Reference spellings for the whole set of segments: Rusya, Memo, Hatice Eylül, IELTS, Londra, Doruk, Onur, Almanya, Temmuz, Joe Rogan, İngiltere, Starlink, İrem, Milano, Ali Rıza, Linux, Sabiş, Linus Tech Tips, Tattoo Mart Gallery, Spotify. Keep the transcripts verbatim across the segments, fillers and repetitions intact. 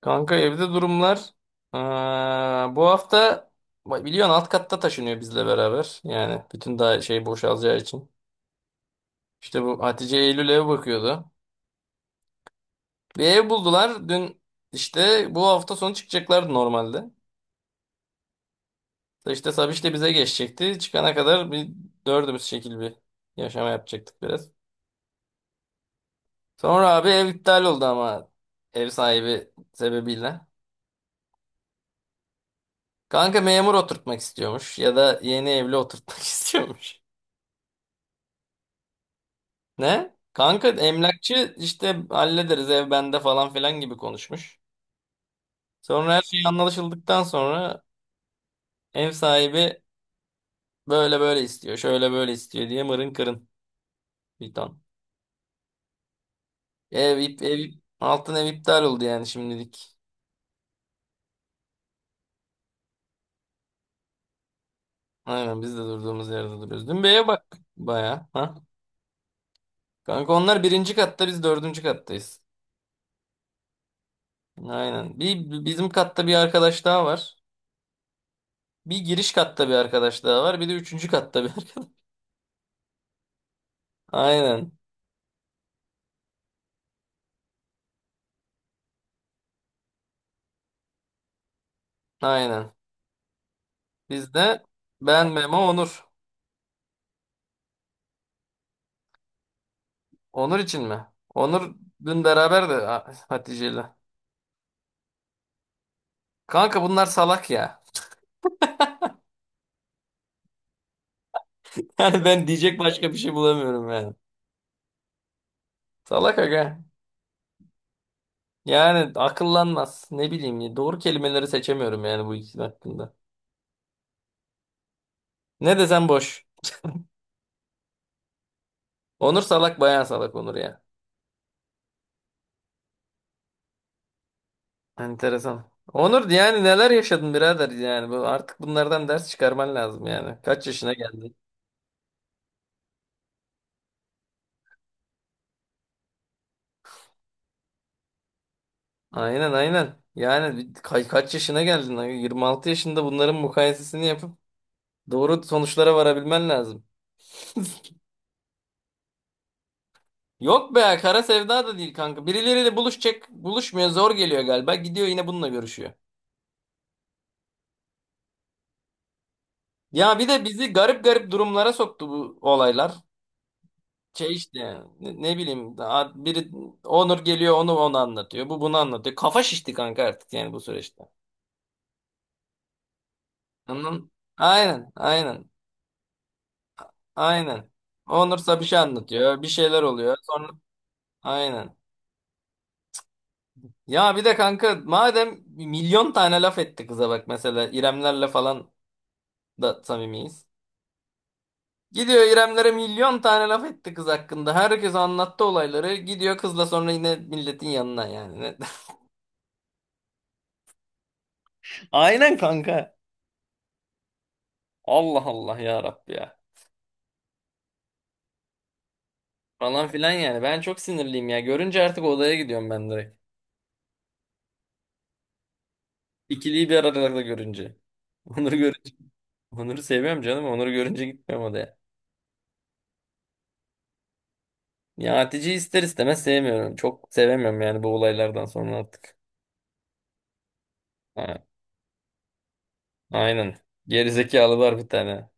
Kanka evde durumlar. Aa, bu hafta biliyorsun alt katta taşınıyor bizle beraber. Yani bütün daha şey boşalacağı için. İşte bu Hatice Eylül ev bakıyordu. Bir ev buldular. Dün işte bu hafta sonu çıkacaklardı normalde. Da İşte Sabiş de bize geçecekti. Çıkana kadar bir dördümüz şekil bir yaşama yapacaktık biraz. Sonra abi ev iptal oldu ama ev sahibi sebebiyle. Kanka memur oturtmak istiyormuş ya da yeni evli oturtmak istiyormuş. Ne? Kanka emlakçı işte hallederiz ev bende falan filan gibi konuşmuş. Sonra her şey anlaşıldıktan sonra ev sahibi böyle böyle istiyor, şöyle böyle istiyor diye mırın kırın bir ton. Ev, ip, ev, ip- altın ev iptal oldu yani şimdilik. Aynen biz de durduğumuz yerde duruyoruz. Dün bir eve bak baya. Ha? Kanka onlar birinci katta biz dördüncü kattayız. Aynen. Bir, bir- bizim katta bir arkadaş daha var. Bir giriş katta bir arkadaş daha var. Bir de üçüncü katta bir arkadaş. Aynen. Aynen. Bizde ben, Memo, Onur. Onur için mi? Onur dün beraber de Hatice'yle. Kanka bunlar salak ya. Yani ben diyecek başka bir şey bulamıyorum yani. Salak aga. Yani akıllanmaz. Ne bileyim ya. Doğru kelimeleri seçemiyorum yani bu ikisi hakkında. Ne desem boş. Onur salak, bayağı salak Onur ya. Enteresan. Onur, yani neler yaşadın birader yani. Bu, artık bunlardan ders çıkarman lazım yani. Kaç yaşına geldin? Aynen, aynen. Yani ka- kaç yaşına geldin lan? yirmi altı yaşında bunların mukayesesini yapıp doğru sonuçlara varabilmen lazım. Yok be, kara sevda da değil kanka. Birileriyle buluşacak, buluşmuyor, zor geliyor galiba. Gidiyor yine bununla görüşüyor. Ya bir de bizi garip garip durumlara soktu bu olaylar. Şey işte ne, ne bileyim, daha biri Onur geliyor onu onu anlatıyor. Bu bunu anlatıyor. Kafa şişti kanka artık yani bu süreçte. Anladın? Aynen, aynen, aynen. Onur Sabiş'e anlatıyor. Bir şeyler oluyor. Sonra aynen. Ya bir de kanka madem milyon tane laf etti kıza, bak mesela İremlerle falan da samimiyiz. Gidiyor İremlere, milyon tane laf etti kız hakkında. Herkes anlattı olayları. Gidiyor kızla sonra yine milletin yanına yani. Ne- Aynen kanka. Allah Allah, ya Rabbi ya. Falan filan yani. Ben çok sinirliyim ya. Görünce artık odaya gidiyorum ben direkt. İkiliyi bir arada görünce. Onur'u görünce. Onur'u seviyorum canım. Onur'u görünce gitmiyorum odaya. Ya Hatice'yi ister istemez sevmiyorum. Çok sevemiyorum yani bu olaylardan sonra artık. A- Aynen. Gerizekalılar bir tane.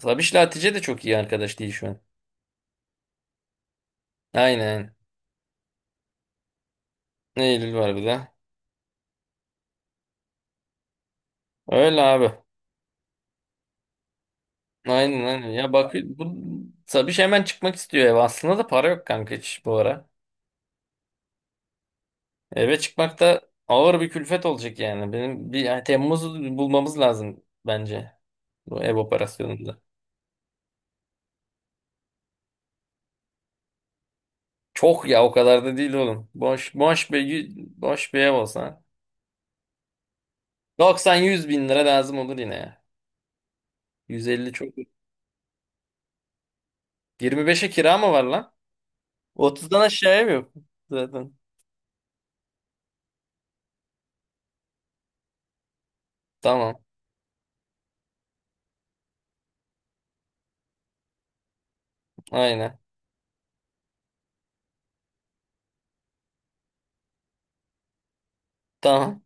Sabiş'le Hatice de çok iyi arkadaş değil şu an. Aynen. Eylül var bir de. Öyle abi. Aynen, aynen. Ya bak, bu Sabiş hemen çıkmak istiyor eve. Aslında da para yok kanka hiç bu ara. Eve çıkmak da ağır bir külfet olacak yani. Benim bir yani Temmuz'u bulmamız lazım bence. Bu ev operasyonunda. Çok ya, o kadar da değil oğlum. Boş boş bir boş bir ev olsa. doksan yüz bin lira lazım olur yine ya. yüz elli çok. yirmi beşe kira mı var lan? otuzdan aşağıya mı yok zaten? Tamam. Aynen. Tamam.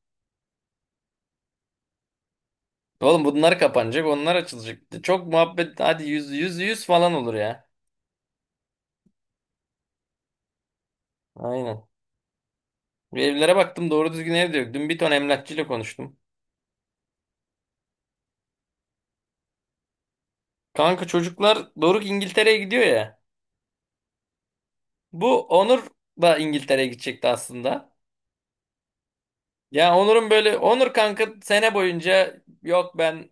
Oğlum bunlar kapanacak, onlar açılacak. Çok muhabbet, hadi yüz yüz yüz falan olur ya. Aynen. Bir evlere baktım, doğru düzgün ev de yok. Dün bir ton emlakçıyla konuştum. Kanka çocuklar, Doruk İngiltere'ye gidiyor ya. Bu Onur da İngiltere'ye gidecekti aslında. Ya Onur'un böyle, Onur kanka sene boyunca yok ben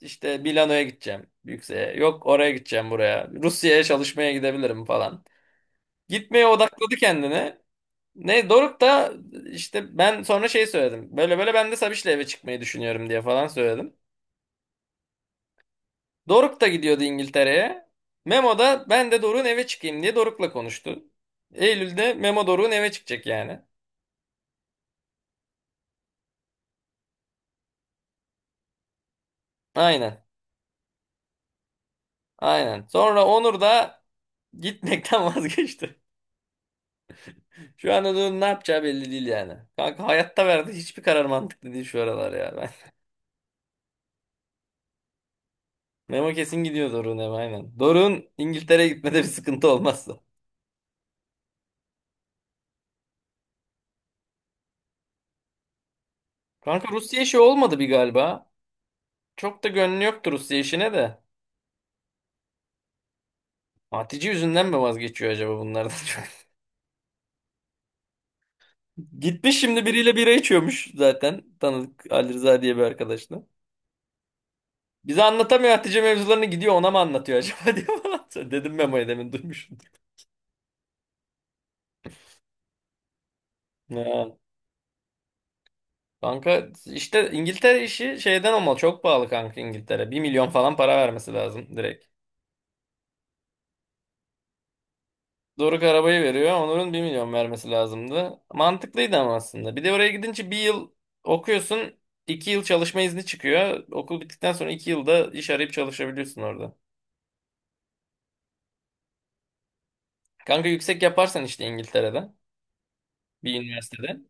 işte Milano'ya gideceğim yükseğe. Yok oraya gideceğim, buraya. Rusya'ya çalışmaya gidebilirim falan. Gitmeye odakladı kendini. Ne Doruk da işte ben sonra şey söyledim. Böyle böyle ben de Sabiş'le eve çıkmayı düşünüyorum diye falan söyledim. Doruk da gidiyordu İngiltere'ye. Memo da ben de Doruk'un eve çıkayım diye Doruk'la konuştu. Eylül'de Memo Doruk'un eve çıkacak yani. Aynen. Aynen. Sonra Onur da gitmekten vazgeçti. Şu anda da ne yapacağı belli değil yani. Kanka hayatta verdiği hiçbir karar mantıklı değil şu aralar ya. Ben... Memo kesin gidiyor Doruk'un eve, aynen. Doruk'un İngiltere'ye gitmede bir sıkıntı olmazsa. Kanka Rusya işi olmadı bir galiba. Çok da gönlü yoktu Rusya işine de. Hatice yüzünden mi vazgeçiyor acaba bunlardan çok? Gitmiş şimdi biriyle bira içiyormuş zaten. Tanıdık Ali Rıza diye bir arkadaşla. Bize anlatamıyor Hatice mevzularını, gidiyor ona mı anlatıyor acaba diye falan. Dedim Memo'ya, demin duymuşum. Ha. Kanka işte İngiltere işi şeyden olmalı. Çok pahalı kanka İngiltere. Bir milyon falan para vermesi lazım direkt. Doruk arabayı veriyor. Onur'un bir milyon vermesi lazımdı. Mantıklıydı ama aslında. Bir de oraya gidince bir yıl okuyorsun. İki yıl çalışma izni çıkıyor. Okul bittikten sonra iki yılda iş arayıp çalışabiliyorsun orada. Kanka yüksek yaparsan işte İngiltere'de. Bir üniversitede.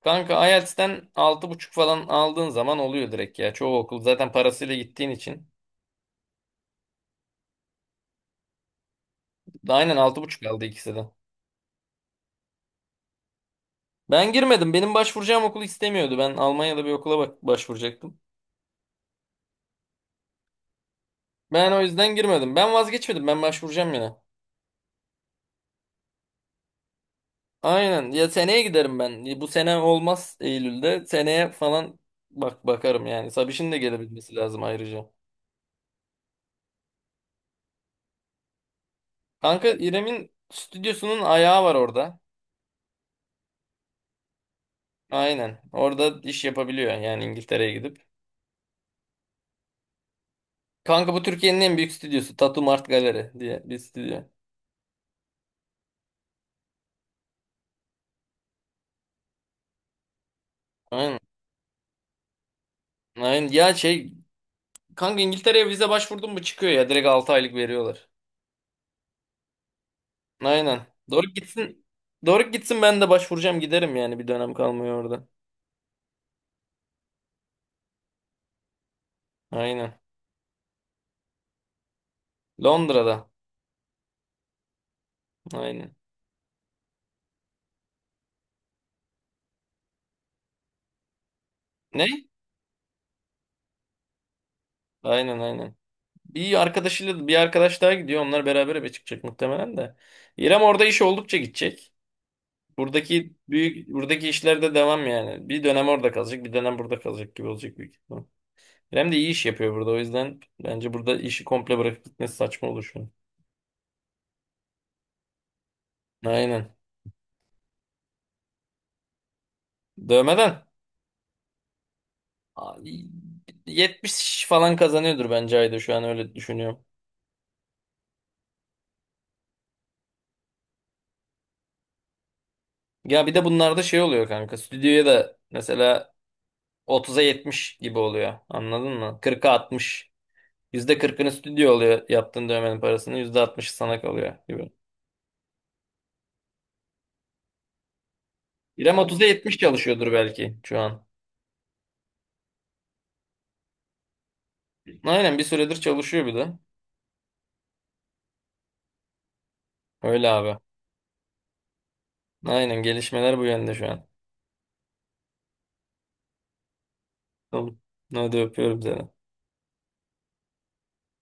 Kanka IELTS'ten altı buçuk falan aldığın zaman oluyor direkt ya. Çoğu okul zaten parasıyla gittiğin için. Aynen, altı buçuk aldı ikisi de. Ben girmedim. Benim başvuracağım okul istemiyordu. Ben Almanya'da bir okula bak başvuracaktım. Ben o yüzden girmedim. Ben vazgeçmedim. Ben başvuracağım yine. Aynen. Ya seneye giderim ben. Bu sene olmaz, Eylül'de. Seneye falan bak bakarım yani. Sabiş'in de gelebilmesi lazım ayrıca. Kanka İrem'in stüdyosunun ayağı var orada. Aynen. Orada iş yapabiliyor yani İngiltere'ye gidip. Kanka bu Türkiye'nin en büyük stüdyosu. Tattoo Mart Gallery diye bir stüdyo. Aynen. Aynen. Ya şey kanka, İngiltere'ye vize başvurdun mu çıkıyor ya. Direkt altı aylık veriyorlar. Aynen. Doruk gitsin. Doruk gitsin, ben de başvuracağım giderim yani, bir dönem kalmıyor orada. Aynen. Londra'da. Aynen. Ne? Aynen, aynen. Bir arkadaşıyla bir arkadaş daha gidiyor. Onlar beraber eve çıkacak muhtemelen de. İrem orada iş oldukça gidecek. Buradaki büyük, buradaki işlerde devam yani. Bir dönem orada kalacak, bir dönem burada kalacak gibi olacak büyük ihtimal. İrem de iyi iş yapıyor burada. O yüzden bence burada işi komple bırakıp gitmesi saçma olur şu an. Aynen. Dövmeden. Abi, yetmiş falan kazanıyordur bence ayda şu an, öyle düşünüyorum. Ya bir de bunlarda şey oluyor kanka. Stüdyoya da mesela otuza yetmiş gibi oluyor. Anladın mı? kırka altmış. yüzde kırkını stüdyo oluyor yaptığın dövmenin parasını. yüzde altmışı sana kalıyor gibi. İrem otuza anladım, yetmiş çalışıyordur belki şu an. Aynen, bir süredir çalışıyor bir de. Öyle abi. Aynen gelişmeler bu yönde şu an. Tamam. Hadi öpüyorum seni.